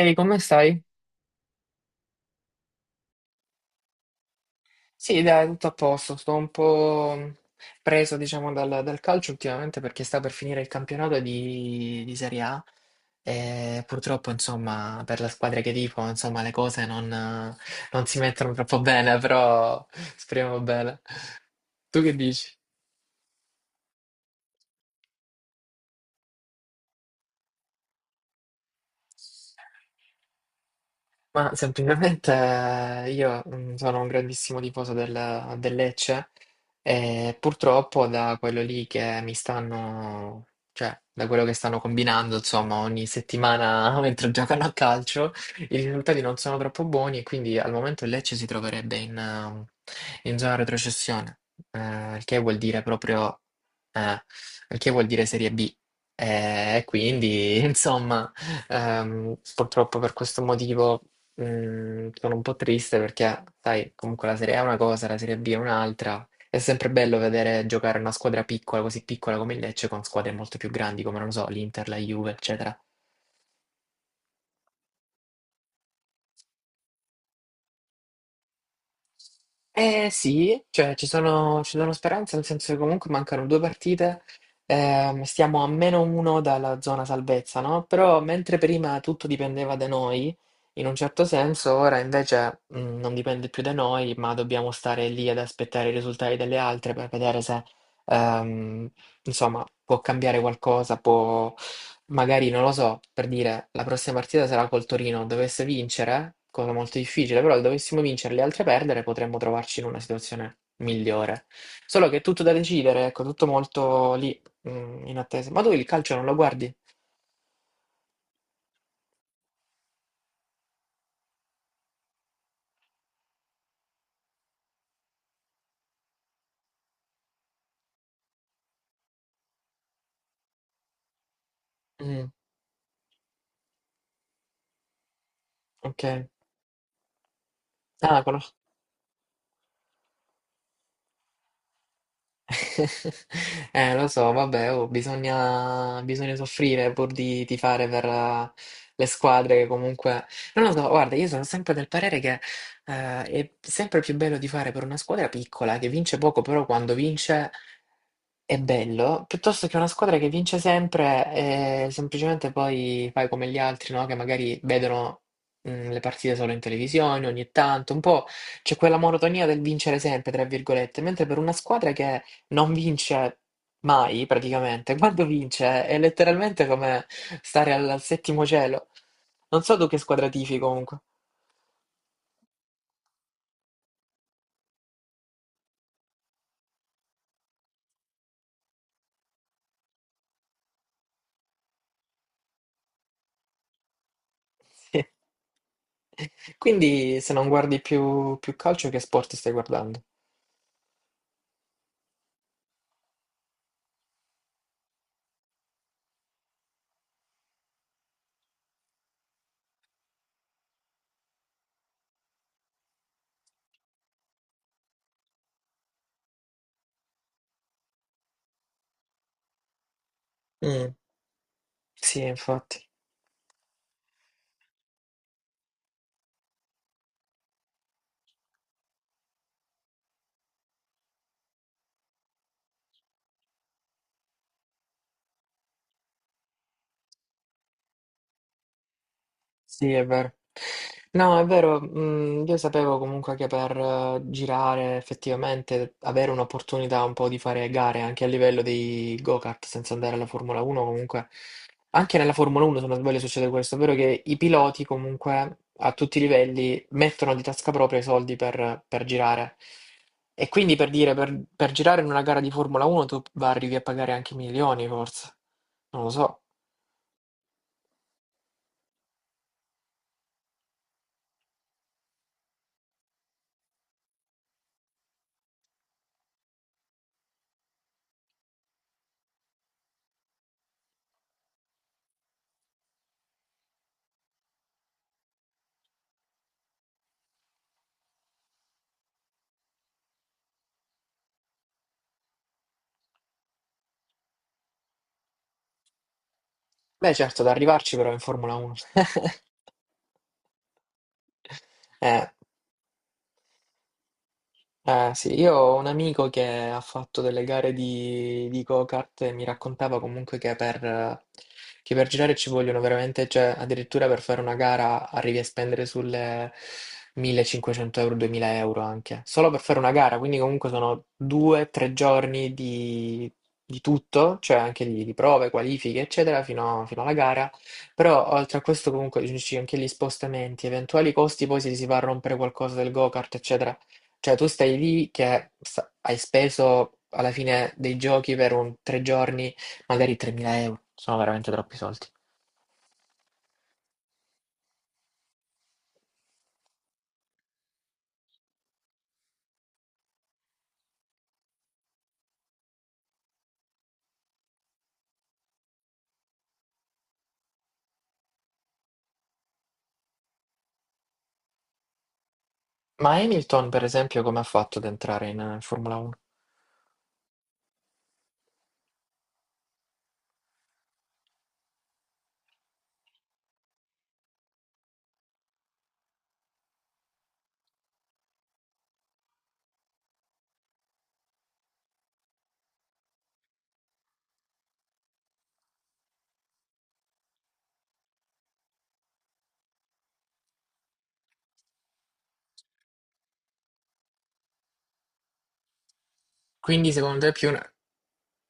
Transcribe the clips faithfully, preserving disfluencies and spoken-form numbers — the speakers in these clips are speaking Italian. Ehi, come stai? Sì, dai, tutto a posto. Sto un po' preso, diciamo, dal, dal calcio ultimamente perché sta per finire il campionato di, di Serie A e purtroppo, insomma, per la squadra che tifo, insomma, le cose non, non si mettono troppo bene, però speriamo bene. Tu che dici? Ma semplicemente eh, io mm, sono un grandissimo tifoso del, del Lecce e purtroppo da quello lì che mi stanno, cioè da quello che stanno combinando, insomma, ogni settimana mentre giocano a calcio, i risultati non sono troppo buoni e quindi al momento il Lecce si troverebbe in, ehm, in zona retrocessione, eh, il che vuol dire proprio, eh, il che vuol dire Serie B. Eh, E quindi, insomma, ehm, purtroppo per questo motivo. Mm, sono un po' triste perché, sai, comunque la Serie A è una cosa, la Serie B è un'altra. È sempre bello vedere giocare una squadra piccola, così piccola come il Lecce, con squadre molto più grandi come, non lo so, l'Inter, la Juve, eccetera. Eh sì, cioè ci sono, ci sono speranze, nel senso che comunque mancano due partite, ehm, stiamo a meno uno dalla zona salvezza, no? Però mentre prima tutto dipendeva da noi, in un certo senso, ora invece mh, non dipende più da noi, ma dobbiamo stare lì ad aspettare i risultati delle altre per vedere se, ehm, insomma, può cambiare qualcosa, può, magari non lo so, per dire, la prossima partita sarà col Torino, dovesse vincere, cosa molto difficile, però dovessimo vincere e le altre perdere, potremmo trovarci in una situazione migliore. Solo che è tutto da decidere, ecco, tutto molto lì, mm, in attesa. Ma tu il calcio non lo guardi? Mm, ok. Ah, conosco. Eh, lo so, vabbè, oh, bisogna, bisogna soffrire pur di tifare per eh, le squadre che comunque. Non lo so, guarda, io sono sempre del parere che eh, è sempre più bello tifare per una squadra piccola che vince poco, però quando vince è bello, piuttosto che una squadra che vince sempre e semplicemente poi fai come gli altri, no? Che magari vedono mh, le partite solo in televisione ogni tanto, un po' c'è quella monotonia del vincere sempre, tra virgolette, mentre per una squadra che non vince mai praticamente. Quando vince è letteralmente come stare al, al settimo cielo. Non so tu che squadra tifi comunque. Sì. Quindi se non guardi più, più calcio, che sport stai guardando? Mm, sì, infatti. Sì, è vero. No, è vero, mm, io sapevo comunque che per eh, girare effettivamente, avere un'opportunità un po' di fare gare anche a livello dei go-kart senza andare alla Formula uno, comunque anche nella Formula uno se non sbaglio succede questo, ovvero che i piloti comunque a tutti i livelli mettono di tasca propria i soldi per, per girare. E quindi per dire, per, per girare in una gara di Formula uno tu va- arrivi a pagare anche milioni forse, non lo so. Beh certo, da arrivarci però in Formula uno. Eh sì, io ho un amico che ha fatto delle gare di, di go-kart e mi raccontava comunque che per, che per girare ci vogliono veramente, cioè addirittura per fare una gara arrivi a spendere sulle millecinquecento euro, duemila euro anche, solo per fare una gara, quindi comunque sono due, tre giorni di, di tutto, cioè anche di, di prove, qualifiche, eccetera, fino, fino alla gara, però oltre a questo comunque ci sono anche gli spostamenti, eventuali costi, poi se si va a rompere qualcosa del go-kart, eccetera. Cioè, tu stai lì che sa- hai speso alla fine dei giochi per un tre giorni, magari tremila euro. Sono veramente troppi soldi. Ma Hamilton, per esempio, come ha fatto ad entrare in eh, Formula uno? Quindi, secondo te, è più una,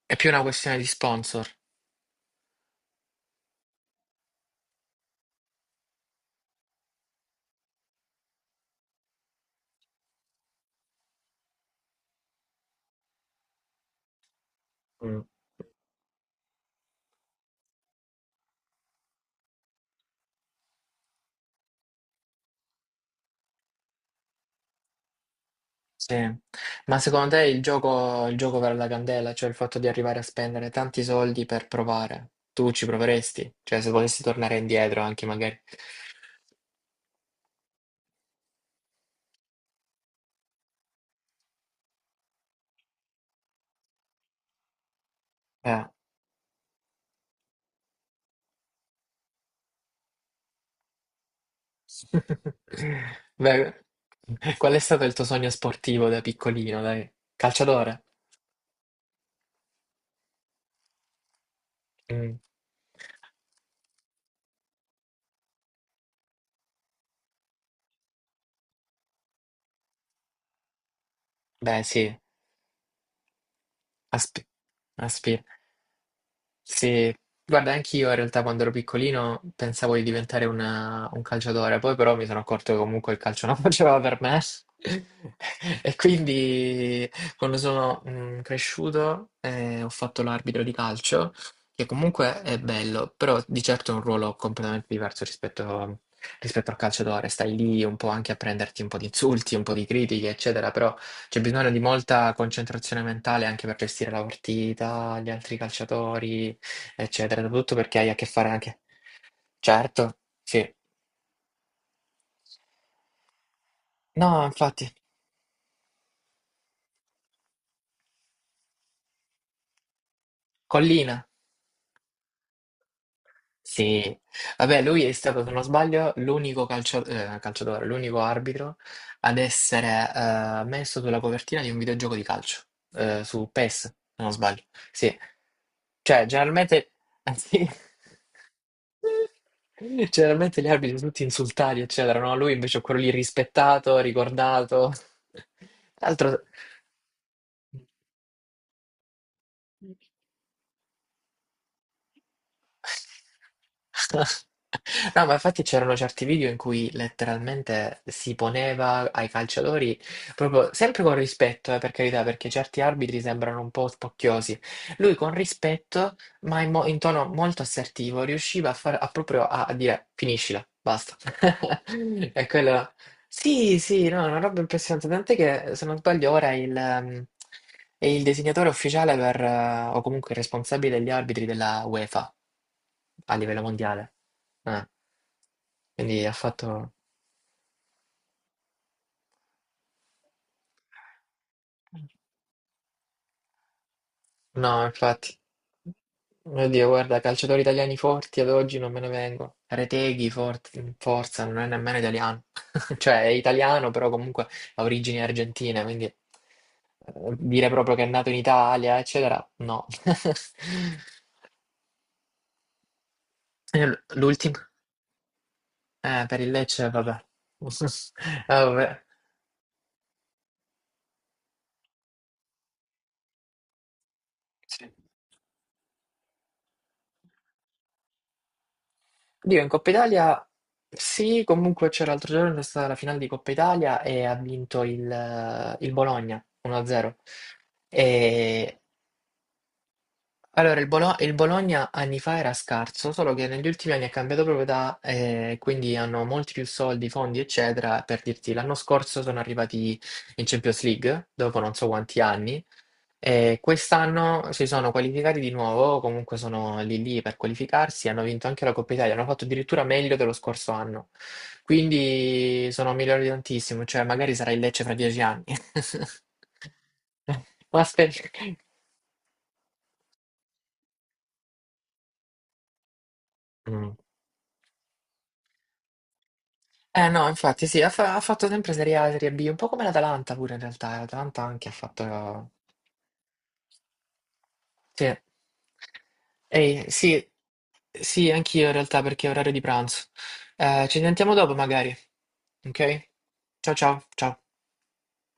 è più una questione di sponsor? Mm, sì. Ma secondo te il gioco, il gioco vale la candela? Cioè, il fatto di arrivare a spendere tanti soldi per provare? Tu ci proveresti? Cioè, se potessi tornare indietro anche magari. Eh. Beh, qual è stato il tuo sogno sportivo da piccolino, dai? Calciatore? Mm. Beh, sì, aspi- aspira. Sì, guarda, anch'io in realtà quando ero piccolino pensavo di diventare una- un calciatore, poi però mi sono accorto che comunque il calcio non faceva per me e quindi quando sono mm, cresciuto eh, ho fatto l'arbitro di calcio, che comunque è bello, però di certo è un ruolo completamente diverso rispetto, rispetto al calciatore, stai lì un po' anche a prenderti un po' di insulti, un po' di critiche, eccetera, però. C'è bisogno di molta concentrazione mentale anche per gestire la partita, gli altri calciatori eccetera, soprattutto perché hai a che fare anche. Certo, sì. No, infatti, Collina, sì. Vabbè, lui è stato, se non sbaglio, l'unico calcio- eh, calciatore, l'unico arbitro ad essere eh, messo sulla copertina di un videogioco di calcio, eh, su PES, se non sbaglio. Sì. Cioè, generalmente. Sì. Generalmente gli arbitri sono tutti insultati, eccetera, no? Lui invece è quello lì rispettato, ricordato. Tra l'altro. No, ma infatti c'erano certi video in cui letteralmente si poneva ai calciatori, proprio sempre con rispetto, eh, per carità, perché certi arbitri sembrano un po' spocchiosi. Lui con rispetto, ma in, mo- in tono molto assertivo, riusciva a, far, a proprio a, a dire finiscila, basta. E quello sì, sì, no, è una roba impressionante, tant'è che se non sbaglio ora è il, ehm, è il disegnatore ufficiale per, eh, o comunque il responsabile degli arbitri della UEFA a livello mondiale. Eh, quindi ha fatto. No, infatti, oddio, guarda, calciatori italiani forti ad oggi non me ne vengono. Reteghi, forti- Forza, non è nemmeno italiano. Cioè, è italiano, però comunque ha origini argentine, quindi eh, dire proprio che è nato in Italia, eccetera, no. Eh, L'ultimo? Eh, per il Lecce, vabbè. Ah, vabbè. Sì. Dio, in Coppa Italia sì, comunque c'era l'altro giorno, è stata la finale di Coppa Italia e ha vinto il, eh, il Bologna uno a zero. E allora il, Bolo- il Bologna anni fa era scarso, solo che negli ultimi anni ha cambiato proprietà e quindi hanno molti più soldi, fondi, eccetera. Per dirti, l'anno scorso sono arrivati in Champions League, dopo non so quanti anni, e quest'anno si sono qualificati di nuovo, comunque sono lì lì per qualificarsi, hanno vinto anche la Coppa Italia, hanno fatto addirittura meglio dello scorso anno. Quindi sono migliori tantissimo, cioè magari sarà il Lecce fra dieci anni. Ma aspetta. Mm. Eh no, infatti sì, ha, fa- ha fatto sempre Serie A, Serie B, un po' come l'Atalanta pure in realtà, l'Atalanta anche ha fatto. Sì. Ehi, sì, sì, anch'io in realtà perché è orario di pranzo. Eh, ci sentiamo dopo magari, ok? Ciao ciao, ciao.